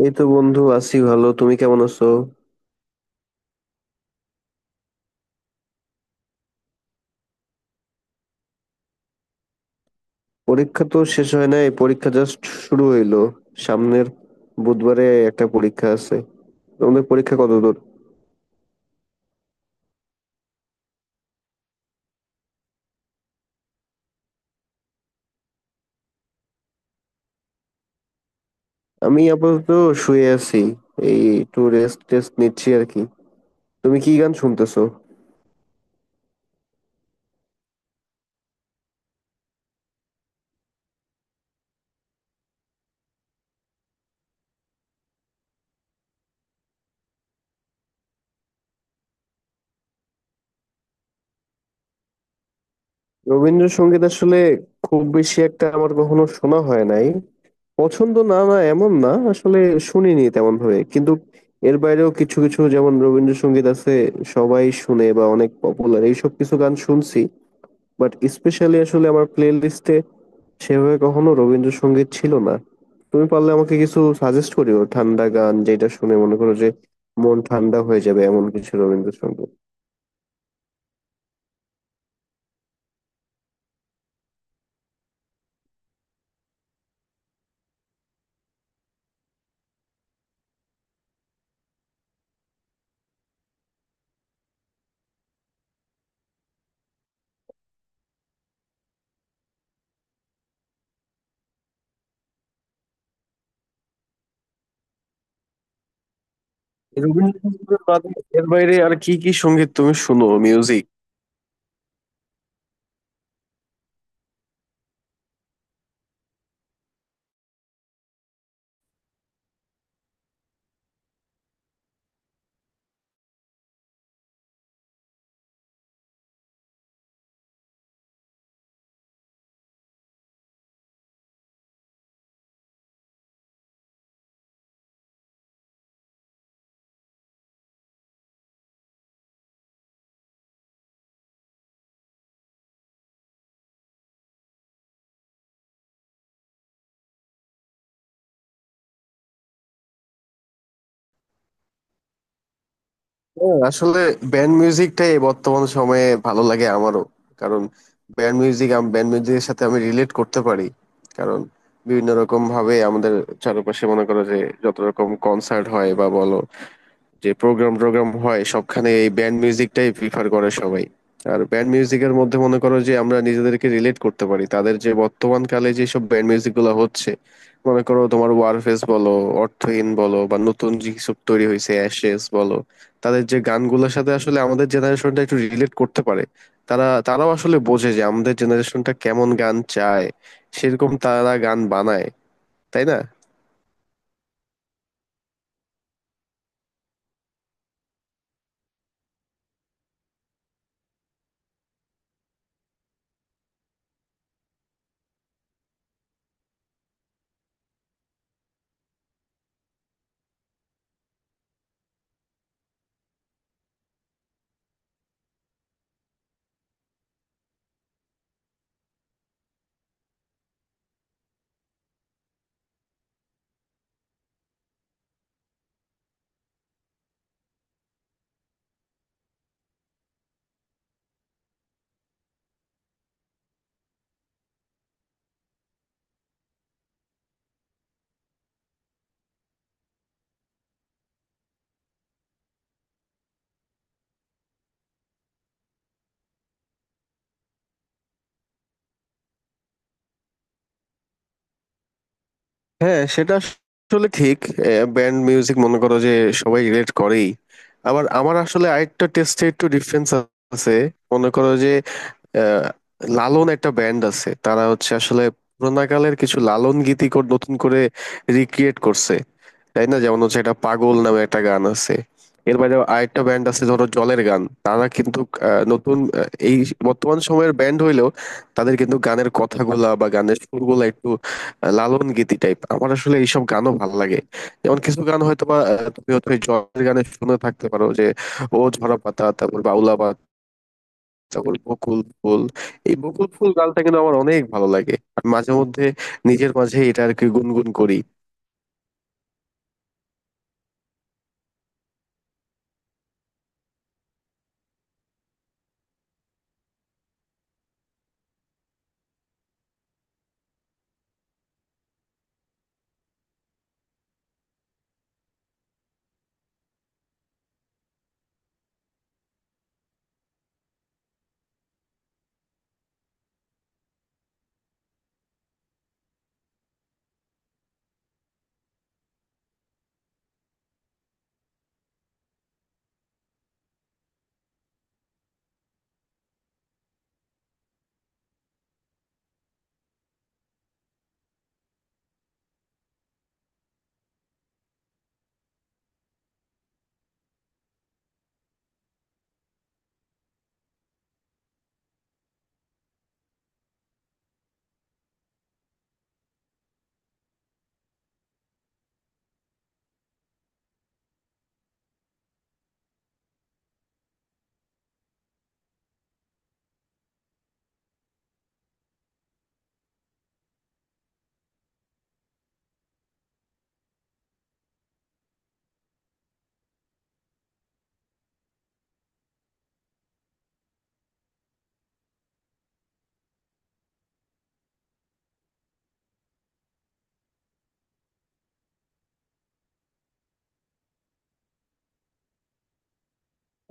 এই তো বন্ধু আছি ভালো। তুমি কেমন আছো? পরীক্ষা তো শেষ হয় নাই, পরীক্ষা জাস্ট শুরু হইলো। সামনের বুধবারে একটা পরীক্ষা আছে। তোমাদের পরীক্ষা কতদূর? আমি আপাতত শুয়ে আছি। এই একটু রেস্ট টেস্ট নিচ্ছি আর কি। তুমি কি গান শুনতেছো? রবীন্দ্রসঙ্গীত আসলে খুব বেশি একটা আমার কখনো শোনা হয় নাই। পছন্দ না না এমন না আসলে, শুনিনি তেমন ভাবে। কিন্তু এর বাইরেও কিছু কিছু যেমন রবীন্দ্রসঙ্গীত আছে সবাই শুনে বা অনেক পপুলার, এইসব কিছু গান শুনছি। বাট স্পেশালি আসলে আমার প্লে লিস্টে সেভাবে কখনো রবীন্দ্রসঙ্গীত ছিল না। তুমি পারলে আমাকে কিছু সাজেস্ট করিও, ঠান্ডা গান যেটা শুনে মনে করো যে মন ঠান্ডা হয়ে যাবে, এমন কিছু রবীন্দ্রসঙ্গীত। রবীন্দ্রসঙ্গীত বাদে এর বাইরে আর কি কি সঙ্গীত তুমি শুনো, মিউজিক? হ্যাঁ আসলে ব্যান্ড মিউজিকটাই বর্তমান সময়ে ভালো লাগে আমারও। কারণ ব্যান্ড মিউজিক, আমি ব্যান্ড মিউজিকের সাথে আমি রিলেট করতে পারি। কারণ বিভিন্ন রকম ভাবে আমাদের চারপাশে মনে করো যে যত রকম কনসার্ট হয় বা বলো যে প্রোগ্রাম টোগ্রাম হয় সবখানে এই ব্যান্ড মিউজিকটাই প্রিফার করে সবাই। আর ব্যান্ড মিউজিকের মধ্যে মনে করো যে আমরা নিজেদেরকে রিলেট করতে পারি তাদের, যে বর্তমান কালে যে সব ব্যান্ড মিউজিক গুলো হচ্ছে মনে করো তোমার ওয়ারফেস বলো, অর্থহীন বলো বা নতুন যে সব তৈরি হয়েছে অ্যাশেস বলো, তাদের যে গানগুলোর সাথে আসলে আমাদের জেনারেশনটা একটু রিলেট করতে পারে। তারাও আসলে বোঝে যে আমাদের জেনারেশনটা কেমন গান চায়, সেরকম তারা গান বানায়। তাই না? হ্যাঁ সেটা আসলে ঠিক। ব্যান্ড মিউজিক মনে করো যে সবাই রিলেট করেই। আবার আমার আসলে আরেকটা টেস্টে একটু ডিফারেন্স আছে। মনে করো যে আহ, লালন একটা ব্যান্ড আছে, তারা হচ্ছে আসলে পুরোনো কালের কিছু লালন গীতি নতুন করে রিক্রিয়েট করছে। তাই না? যেমন হচ্ছে একটা পাগল নামে একটা গান আছে। এর বাইরে আরেকটা ব্যান্ড আছে ধরো জলের গান, তারা কিন্তু এই বর্তমান সময়ের ব্যান্ড হইলেও তাদের কিন্তু গানের কথাগুলা বা গানের সুরগুলা একটু লালন গীতি টাইপ। আমার আসলে এইসব গানও ভালো লাগে। যেমন কিছু গান হয়তো বা তুমি হয়তো এই জলের গানে শুনে থাকতে পারো যে ও ঝরা পাতা, তারপর বাউলা পাতা, তারপর বকুল ফুল। এই বকুল ফুল গানটা কিন্তু আমার অনেক ভালো লাগে, আমি মাঝে মধ্যে নিজের মাঝে এটা আর কি গুনগুন করি।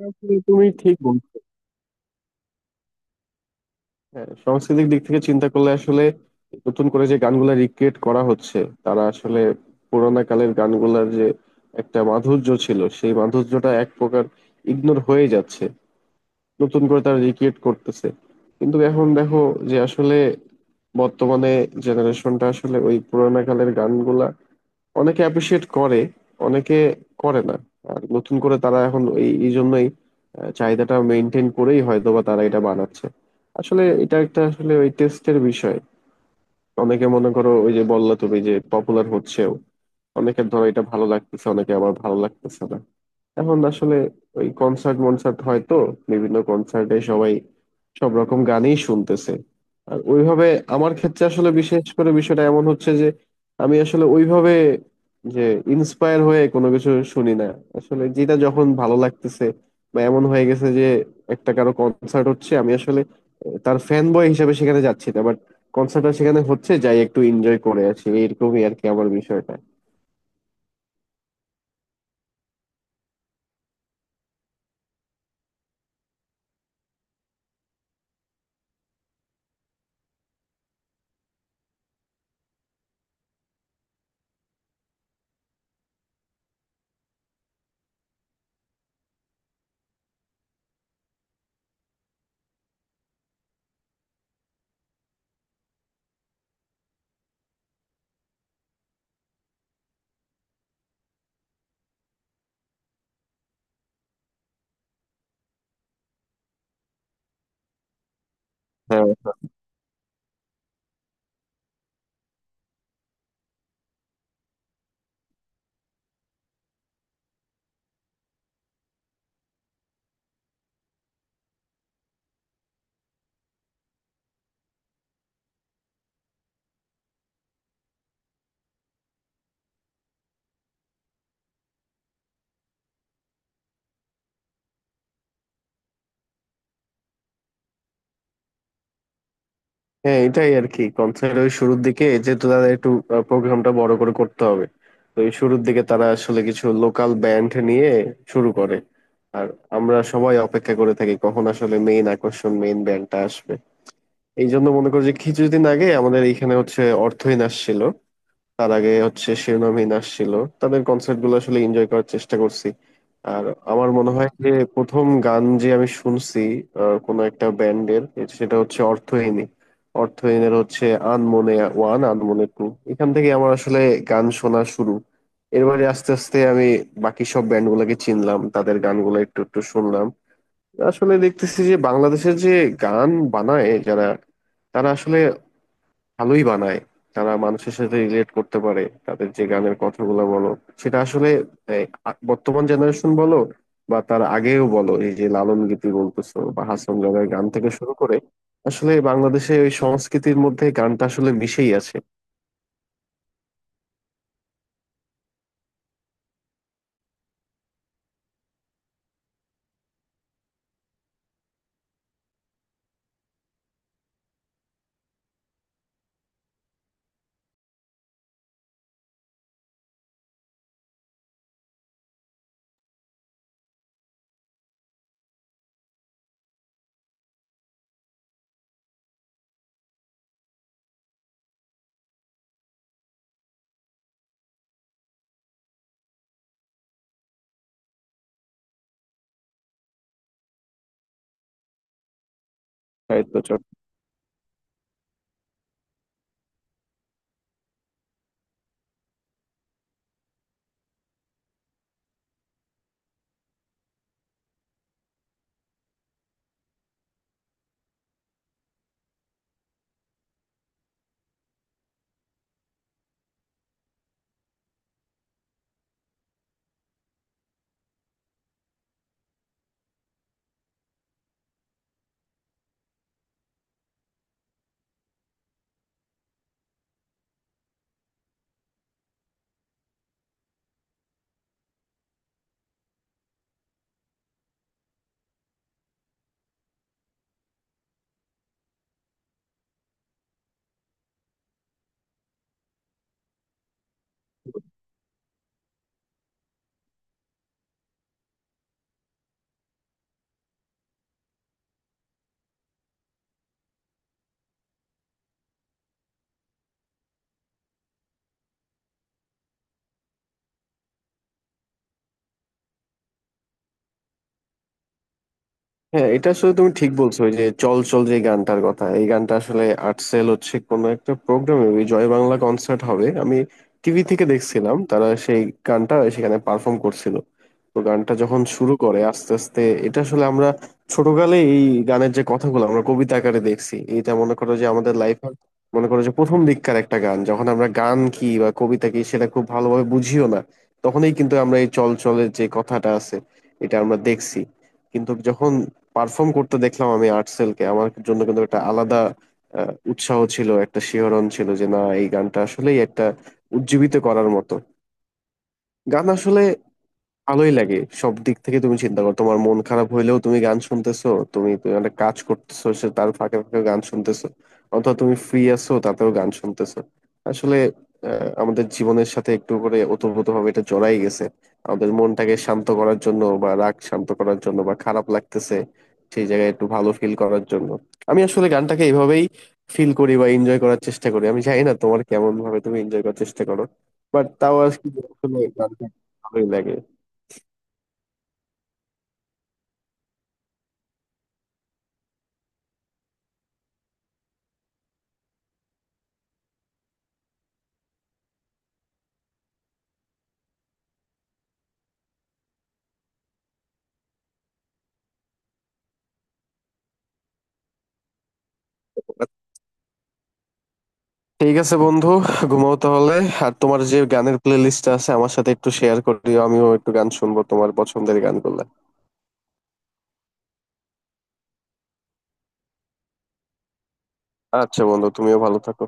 আসলে তুমি ঠিক বলছো। হ্যাঁ সাংস্কৃতিক দিক থেকে চিন্তা করলে আসলে নতুন করে যে গানগুলা রিক্রিয়েট করা হচ্ছে তারা আসলে পুরোনো কালের গানগুলার যে একটা মাধুর্য ছিল সেই মাধুর্যটা এক প্রকার ইগনোর হয়ে যাচ্ছে। নতুন করে তারা রিক্রিয়েট করতেছে। কিন্তু এখন দেখো যে আসলে বর্তমানে জেনারেশনটা আসলে ওই পুরোনো কালের গানগুলা অনেকে অ্যাপ্রিসিয়েট করে, অনেকে করে না। আর নতুন করে তারা এখন এই এই জন্যই চাহিদাটা মেনটেন করেই হয়তো বা তারা এটা বানাচ্ছে। আসলে এটা একটা আসলে ওই টেস্টের বিষয়। অনেকে মনে করো ওই যে বললা তুমি যে পপুলার হচ্ছেও, অনেকের ধরো এটা ভালো লাগতেছে, অনেকে আবার ভালো লাগতেছে না। এখন আসলে ওই কনসার্ট মনসার্ট হয় তো বিভিন্ন কনসার্টে সবাই সব রকম গানই শুনতেছে। আর ওইভাবে আমার ক্ষেত্রে আসলে বিশেষ করে বিষয়টা এমন হচ্ছে যে আমি আসলে ওইভাবে যে ইন্সপায়ার হয়ে কোনো কিছু শুনি না। আসলে যেটা যখন ভালো লাগতেছে, বা এমন হয়ে গেছে যে একটা কারো কনসার্ট হচ্ছে, আমি আসলে তার ফ্যান বয় হিসেবে সেখানে যাচ্ছি না, বাট কনসার্টটা সেখানে হচ্ছে যাই একটু এনজয় করে আছি, এরকমই আর কি আমার বিষয়টা। হ্যাঁ হ্যাঁ এটাই আর কি কনসার্ট। ওই শুরুর দিকে যেহেতু তাদের একটু প্রোগ্রামটা বড় করে করতে হবে, তো এই শুরুর দিকে তারা আসলে কিছু লোকাল ব্যান্ড নিয়ে শুরু করে। আর আমরা সবাই অপেক্ষা করে থাকি কখন আসলে মেইন আকর্ষণ মেইন ব্যান্ডটা আসবে। এই জন্য মনে করো যে কিছুদিন আগে আমাদের এখানে হচ্ছে অর্থহীন আসছিল, তার আগে হচ্ছে শিরোনামহীন আসছিল। তাদের কনসার্ট গুলো আসলে এনজয় করার চেষ্টা করছি। আর আমার মনে হয় যে প্রথম গান যে আমি শুনছি কোনো একটা ব্যান্ডের, সেটা হচ্ছে অর্থহীনই। অর্থহীনের হচ্ছে আনমনে 1, আনমনে 2। এখান থেকে আমার আসলে গান শোনা শুরু। এরপরে আস্তে আস্তে আমি বাকি সব ব্যান্ড গুলাকে চিনলাম, তাদের গানগুলো একটু একটু শুনলাম। আসলে দেখতেছি যে বাংলাদেশের যে গান বানায় যারা তারা আসলে ভালোই বানায়। তারা মানুষের সাথে রিলেট করতে পারে, তাদের যে গানের কথাগুলো বলো সেটা আসলে এই, বর্তমান জেনারেশন বলো বা তার আগেও বলো এই যে লালন গীতি বলতেছো বা হাসন দাদার গান থেকে শুরু করে আসলে বাংলাদেশে ওই সংস্কৃতির মধ্যে গানটা আসলে মিশেই আছে। সাহিত্য। হ্যাঁ এটা আসলে তুমি ঠিক বলছো, ওই যে চল চল যে গানটার কথা, এই গানটা আসলে আর্টসেল হচ্ছে কোনো একটা প্রোগ্রামে, ওই জয় বাংলা কনসার্ট হবে, আমি টিভি থেকে দেখছিলাম তারা সেই গানটা সেখানে পারফর্ম করছিল। তো গানটা যখন শুরু করে আস্তে আস্তে, এটা আসলে আমরা ছোটকালে এই গানের যে কথাগুলো আমরা কবিতা আকারে দেখছি, এটা মনে করো যে আমাদের লাইফে মনে করো যে প্রথম দিককার একটা গান, যখন আমরা গান কি বা কবিতা কি সেটা খুব ভালোভাবে বুঝিও না তখনই কিন্তু আমরা এই চল চলের যে কথাটা আছে এটা আমরা দেখছি। কিন্তু যখন পারফর্ম করতে দেখলাম আমি আর্টসেলকে, আমার জন্য কিন্তু একটা আলাদা উৎসাহ ছিল, একটা শিহরণ ছিল যে না এই গানটা আসলেই একটা উজ্জীবিত করার মতো গান আসলে। ভালোই লাগে। সব দিক থেকে তুমি চিন্তা করো, তোমার মন খারাপ হইলেও তুমি গান শুনতেছো, তুমি তুমি একটা কাজ করতেছো সে তার ফাঁকে ফাঁকে গান শুনতেছো, অথবা তুমি ফ্রি আছো তাতেও গান শুনতেছো। আসলে আমাদের জীবনের সাথে একটু করে ওতপ্রোতভাবে এটা জড়াই গেছে। আমাদের মনটাকে শান্ত করার জন্য বা রাগ শান্ত করার জন্য বা খারাপ লাগতেছে সেই জায়গায় একটু ভালো ফিল করার জন্য আমি আসলে গানটাকে এইভাবেই ফিল করি বা এনজয় করার চেষ্টা করি। আমি জানি না তোমার কেমন ভাবে তুমি এনজয় করার চেষ্টা করো। বাট তাও আর কি আসলে গানটা ভালোই লাগে। ঠিক আছে বন্ধু, ঘুমাও তাহলে। আর তোমার যে গানের প্লে লিস্টটা আছে আমার সাথে একটু শেয়ার করে দিও, আমিও একটু গান শুনবো তোমার পছন্দের গানগুলো। আচ্ছা বন্ধু, তুমিও ভালো থাকো।